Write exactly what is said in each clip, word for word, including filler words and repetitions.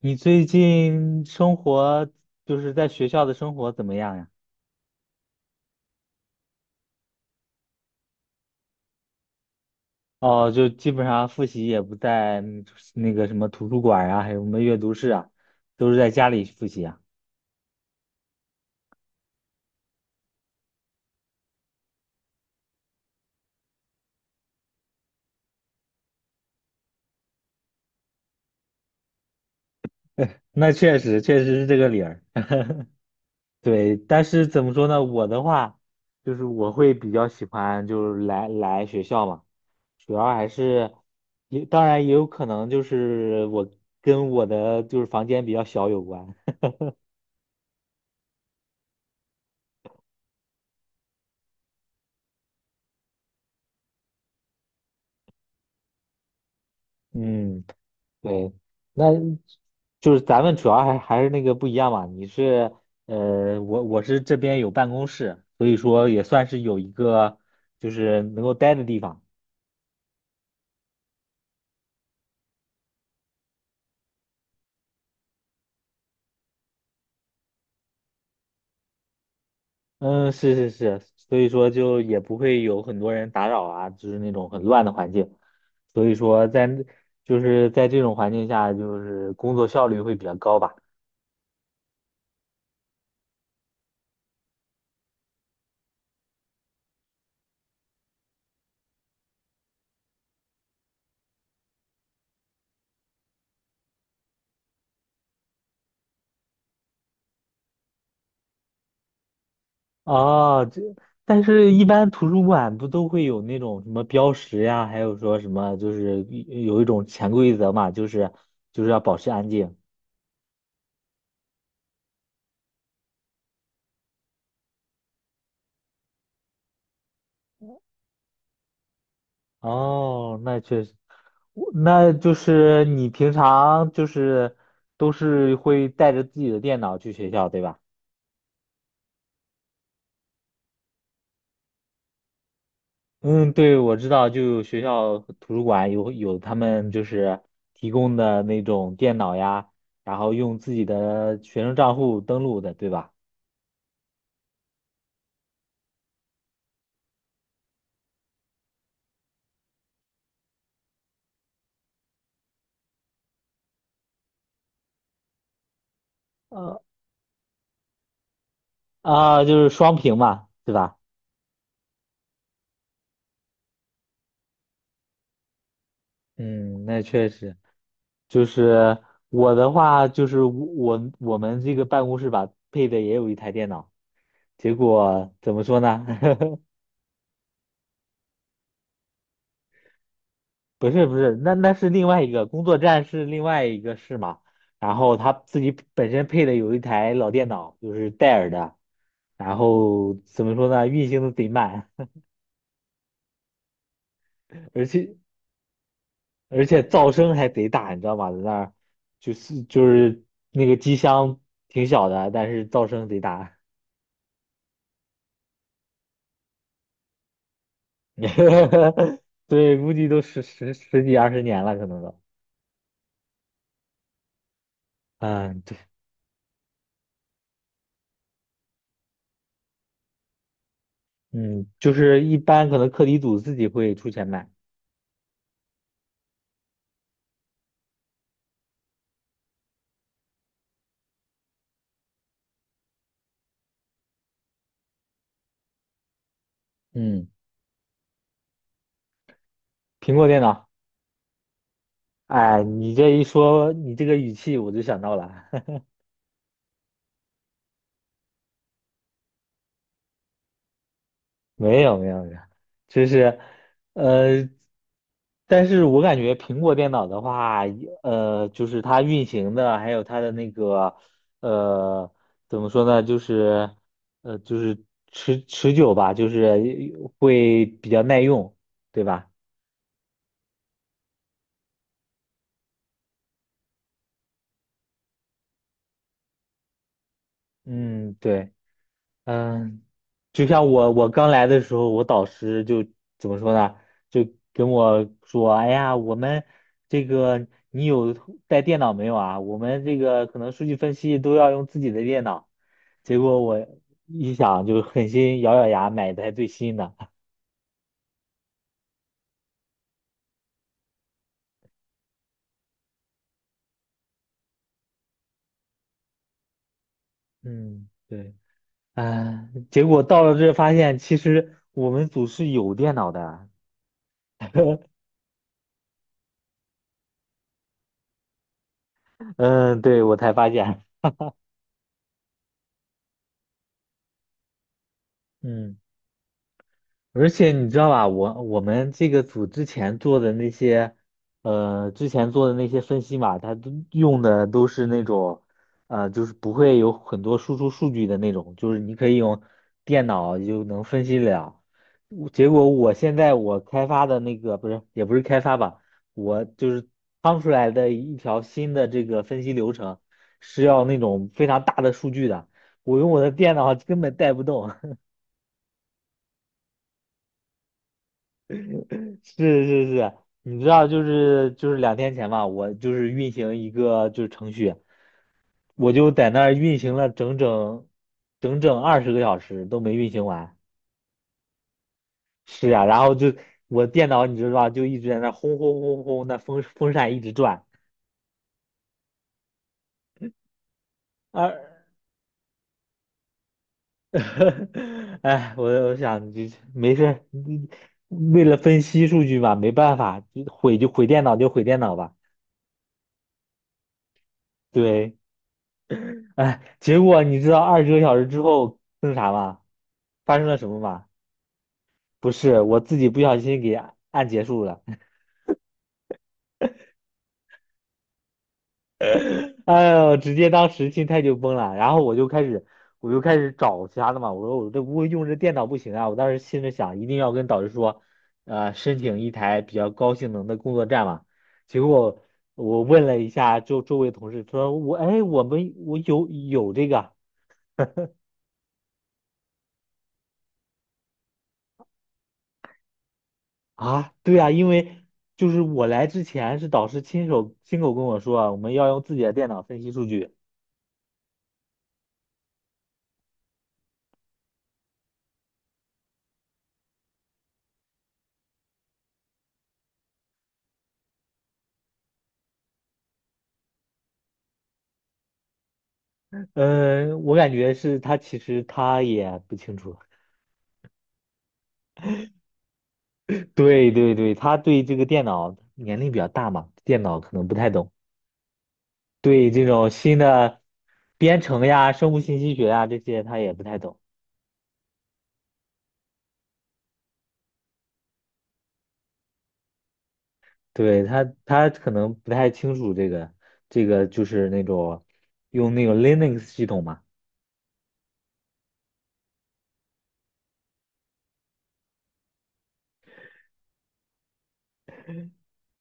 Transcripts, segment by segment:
你最近生活就是在学校的生活怎么样呀？哦，就基本上复习也不在嗯那个什么图书馆啊，还有什么阅读室啊，都是在家里复习啊。那确实确实是这个理儿。对，但是怎么说呢？我的话，就是我会比较喜欢，就是来来学校嘛，主要还是也当然也有可能就是我跟我的就是房间比较小有关。嗯。对，那就是咱们主要还还是那个不一样嘛。你是呃，我我是这边有办公室，所以说也算是有一个就是能够待的地方。嗯，是是是，所以说就也不会有很多人打扰啊，就是那种很乱的环境。所以说在就是在这种环境下，就是工作效率会比较高吧。哦，这但是，一般图书馆不都会有那种什么标识呀，还有说什么，就是一有一种潜规则嘛，就是就是要保持安静。哦，那确实，我那就是你平常就是都是会带着自己的电脑去学校，对吧？嗯，对，我知道，就有学校图书馆有有他们就是提供的那种电脑呀，然后用自己的学生账户登录的，对吧？啊，就是双屏嘛，对吧？嗯，那确实，就是我的话，就是我我我们这个办公室吧，配的也有一台电脑，结果怎么说呢？不是不是，那那是另外一个工作站是另外一个室嘛，然后他自己本身配的有一台老电脑，就是戴尔的，然后怎么说呢？运行的贼慢。而且。而且噪声还贼大，你知道吗？在那儿就是就是那个机箱挺小的，但是噪声贼大。对，估计都十十十几二十年了，可能都。嗯，对，嗯，就是一般可能课题组自己会出钱买。嗯，苹果电脑。哎，你这一说，你这个语气我就想到了。没有没有没有，就是，呃，但是我感觉苹果电脑的话，呃，就是它运行的，还有它的那个，呃，怎么说呢，就是，呃，就是持持久吧，就是会比较耐用，对吧？嗯，对。嗯，就像我我刚来的时候，我导师就怎么说呢？就跟我说：“哎呀，我们这个你有带电脑没有啊？我们这个可能数据分析都要用自己的电脑。”结果我一想，就狠心咬咬牙买的台最新的。嗯，对，哎，结果到了这发现，其实我们组是有电脑的啊。嗯，对，我才发现。嗯。而且你知道吧，我我们这个组之前做的那些，呃，之前做的那些分析嘛，它都用的都是那种，呃，就是不会有很多输出数据的那种，就是你可以用电脑就能分析了。我结果我现在我开发的那个不是，也不是开发吧，我就是趟出来的一条新的这个分析流程，是要那种非常大的数据的，我用我的电脑根本带不动。是是是，你知道，就是就是两天前吧，我就是运行一个就是程序，我就在那儿运行了整整整整二十个小时都没运行完。是呀，然后就我电脑你知道吧，就一直在那儿轰轰轰轰，那风风扇一直转。二，哎，我我想就没事儿嗯为了分析数据嘛，没办法，就毁就毁电脑就毁电脑吧。对，哎，结果你知道二十个小时之后那啥吗？发生了什么吗？不是，我自己不小心给按按结束了。哎呦，直接当时心态就崩了。然后我就开始，我就开始找其他的嘛。我说我这不会用这电脑不行啊。我当时心里想，一定要跟导师说，呃，申请一台比较高性能的工作站嘛。结果我问了一下周周围同事，说我哎，我们我有有这个。啊，对啊，因为就是我来之前是导师亲手亲口跟我说啊，我们要用自己的电脑分析数据。嗯，我感觉是他其实他也不清楚。对对对，他对这个电脑年龄比较大嘛，电脑可能不太懂。对这种新的编程呀、生物信息学呀这些，他也不太懂。对他，他可能不太清楚这个这个就是那种用那个 Linux 系统嘛。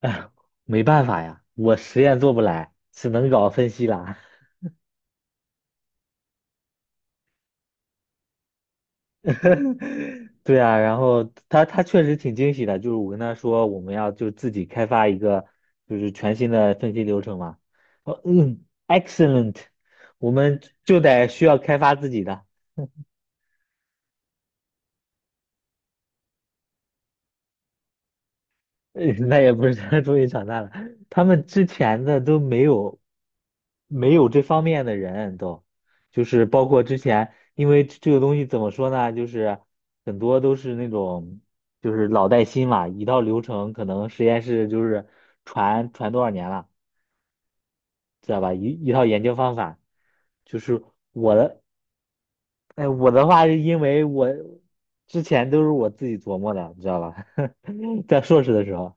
哎，没办法呀，我实验做不来，只能搞分析啦。对啊，然后他他确实挺惊喜的，就是我跟他说我们要就自己开发一个就是全新的分析流程嘛。哦，嗯，excellent，我们就得需要开发自己的。呃那也不是他 终于长大了，他们之前的都没有没有这方面的人都，就是包括之前，因为这这个东西怎么说呢，就是很多都是那种就是老带新嘛，一套流程可能实验室就是传传多少年了，知道吧？一一套研究方法，就是我的，哎，我的话是因为我之前都是我自己琢磨的，你知道吧？在硕士的时候。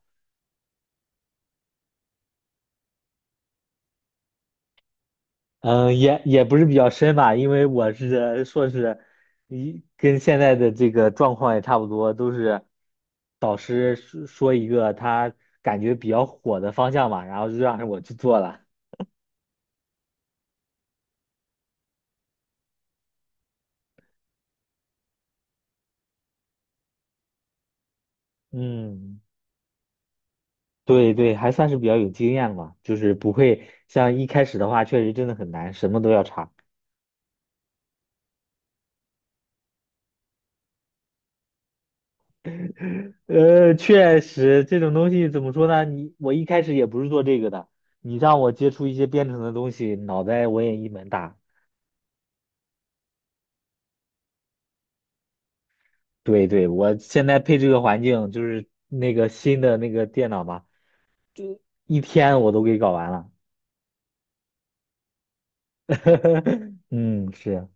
嗯，也也不是比较深吧，因为我是硕士，一跟现在的这个状况也差不多，都是导师说说一个他感觉比较火的方向嘛，然后就让我去做了。嗯，对对，还算是比较有经验嘛，就是不会像一开始的话，确实真的很难，什么都要查。呃，确实这种东西怎么说呢？你我一开始也不是做这个的，你让我接触一些编程的东西，脑袋我也一门大。对对，我现在配这个环境就是那个新的那个电脑吧，一天我都给搞完了。嗯，是。